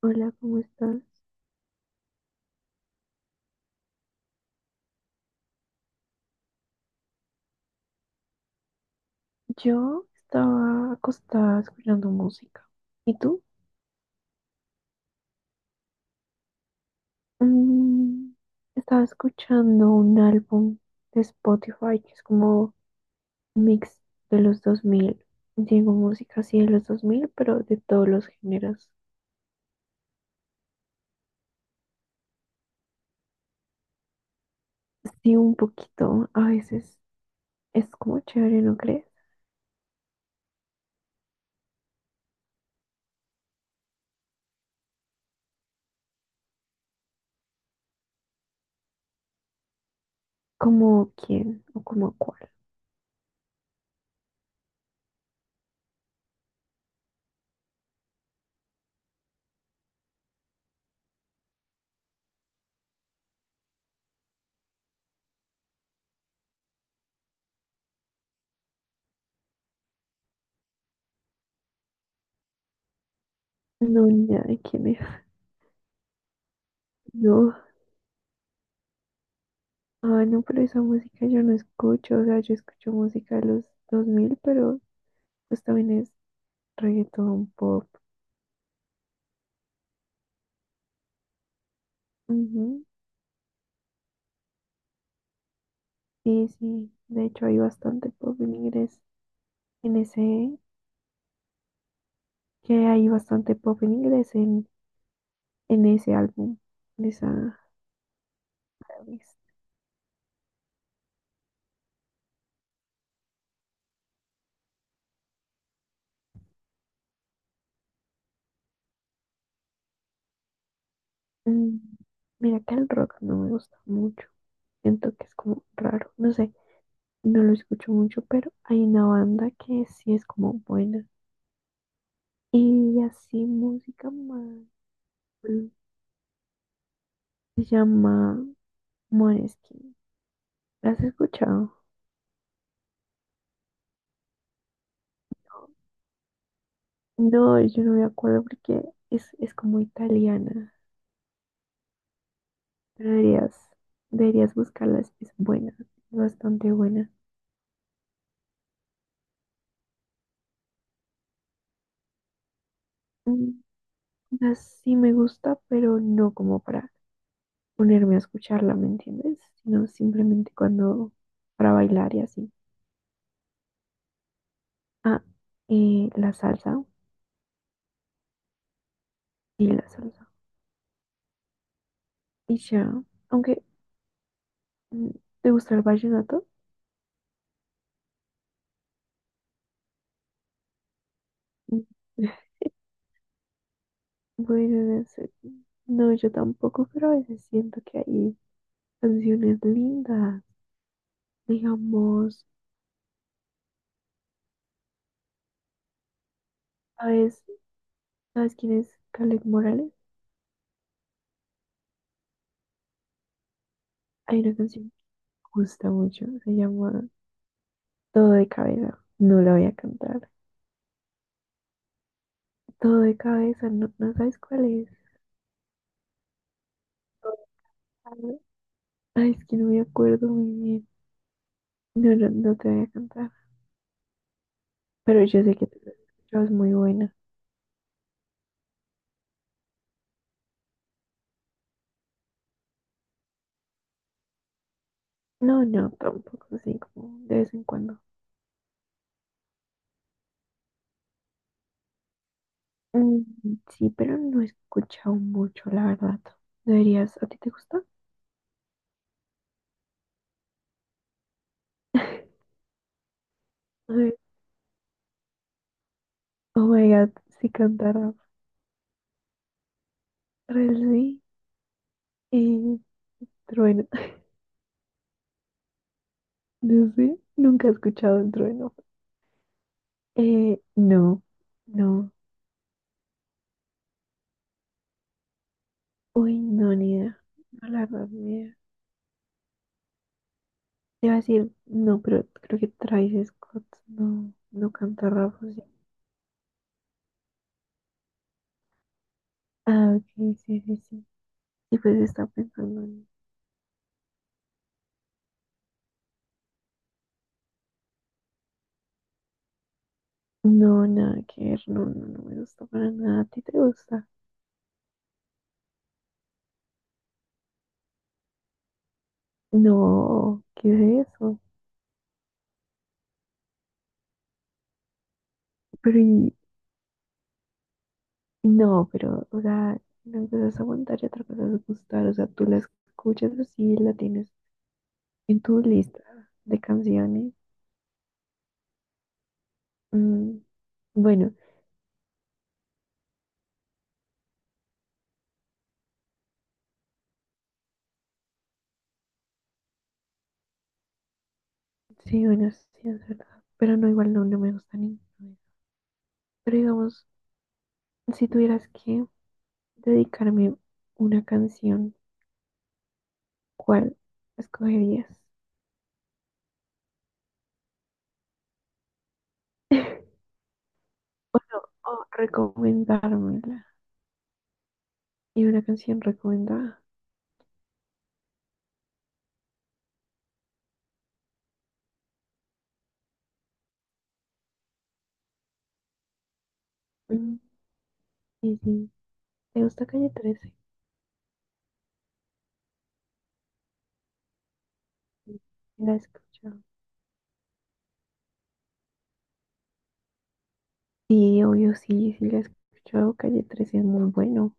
Hola, ¿cómo estás? Yo estaba acostada escuchando música. ¿Y tú? Mm, Estaba escuchando un álbum de Spotify que es como un mix de los 2000. Digo música así de los 2000, pero de todos los géneros. Sí, un poquito. A veces es como chévere, ¿no crees? ¿Como quién o como cuál? No, ni idea de quién es. No. Ah, no, pero esa música yo no escucho, o sea, yo escucho música de los 2000, pero pues también es reggaetón, pop. Ujú. Sí, sí. De hecho, hay bastante pop en inglés. En ese, que hay bastante pop en inglés en ese álbum, en esa playlist. Mm, Mira que el rock no me gusta mucho. Siento que es como raro. No sé, no lo escucho mucho, pero hay una banda que sí es como buena. Y así música más. mm, Se llama Måneskin. ¿La has escuchado? No, yo no me acuerdo porque es como italiana, pero deberías buscarla, es buena, bastante buena. Mm, o sea, sí me gusta, pero no como para ponerme a escucharla, ¿me entiendes? Sino simplemente cuando, para bailar y así. Ah, la salsa, la salsa. Y ya, aunque, mm, ¿te gusta el vallenato? Mm, Bueno, no sé, no, yo tampoco, pero a veces siento que hay canciones lindas. Digamos, ¿sabes, ¿sabes quién es Caleb Morales? Hay una canción que me gusta mucho, se llama "Todo de cabeza". No la voy a cantar. Todo de cabeza, no, no sabes cuál es. Todo de cabeza. Ay, es que no me acuerdo muy bien. No, no te voy a cantar. Pero yo sé que tú la has escuchado, es muy buena. No, no, tampoco, así como de vez en cuando. Mm, sí, pero no he escuchado mucho, la verdad. Deberías, ¿a ti te gusta? A, oh my god, sí canta rap. Real, sí. Eh, Trueno. No sé, nunca he escuchado un trueno. No, no. Uy, no, ni idea. No, la verdad, ni idea. Te iba a decir, no, pero creo que Travis Scott no, no canta rap, ¿o sí? Ah, ok, sí, sí, sí. Y pues está pensando en... No, nada que ver, no, no, no me gusta para nada. ¿A ti te gusta? No, ¿qué es eso? Pero, no, pero, o sea, una cosa es aguantar y otra cosa es gustar. O sea, tú la escuchas así, la tienes en tu lista de canciones. mm, bueno, sí, bueno, sí, es verdad. Pero no, igual no, no me gusta ninguna. Pero digamos, si tuvieras que dedicarme una canción, ¿cuál escogerías? O no, o recomendármela. Y una canción recomendada. Mm, sí, sí. ¿Te gusta Calle 13? Sí, sí, la he escuchado. Sí, obvio, sí, sí, la he escuchado. Calle 13 es muy bueno.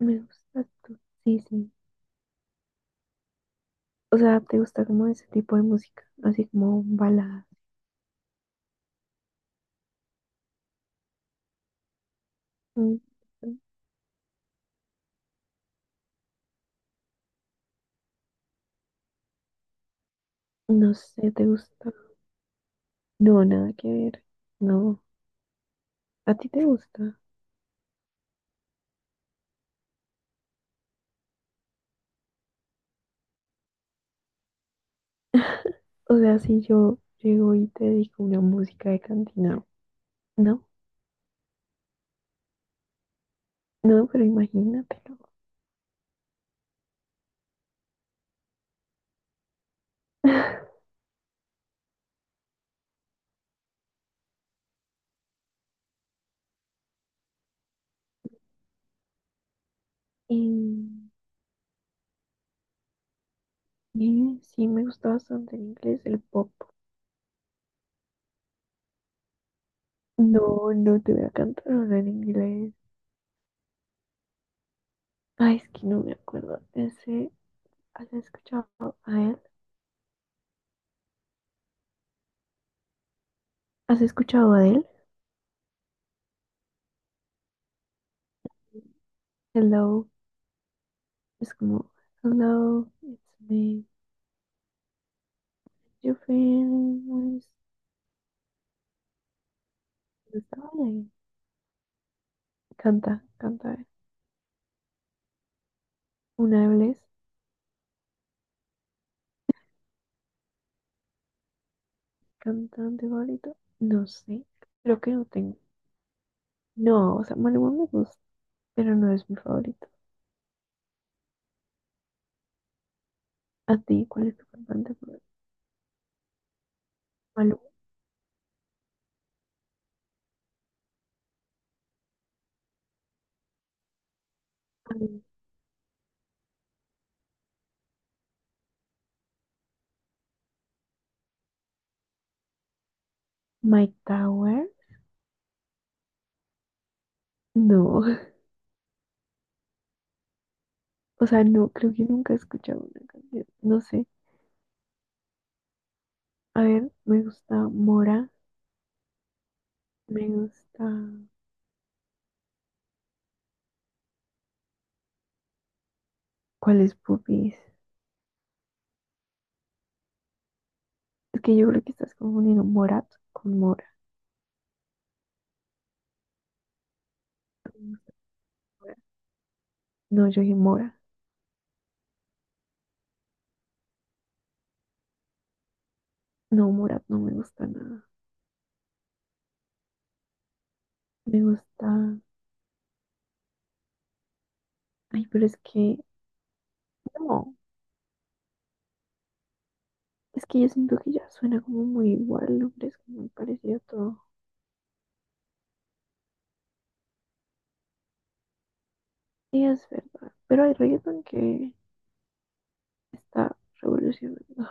Me gusta tú. Sí, sí. O sea, ¿te gusta como ese tipo de música? Así como baladas. Mm, No sé, ¿te gusta? No, nada que ver. No. ¿A ti te gusta? O sea, si yo llego y te digo una música de cantina, no, no, pero imagínatelo. Y, y sí, me gusta bastante en inglés el pop. No, no te voy a cantar ahora en inglés. Ay, es que no me acuerdo. Ese, ¿has escuchado a él? ¿Has escuchado a él? Hello. Es como, "hello, it's me, your friend, where is-" no estaba ahí. Canta, canta. Una vez, cantante favorito, no sé, creo que no tengo. No, o sea, Maluma me gusta, pero no es mi favorito. ¿A ti cuál es tu cantante favorito? Maluma, mm, Mike Tower, no, o sea, no, creo que nunca he escuchado una canción, no sé. A ver, me gusta Mora, me gusta, ¿cuál es Pupis? Es que yo creo que estás confundiendo Morat con Mora. No, yo dije Mora. No, Morat no me gusta nada. Me gusta. Ay, pero es que. No. Es que yo siento que ya suena como muy igual, el nombre es como muy parecido a todo. Sí, es verdad. Pero hay reggaeton que está revolucionando.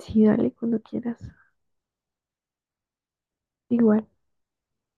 Sí, dale cuando quieras. Igual.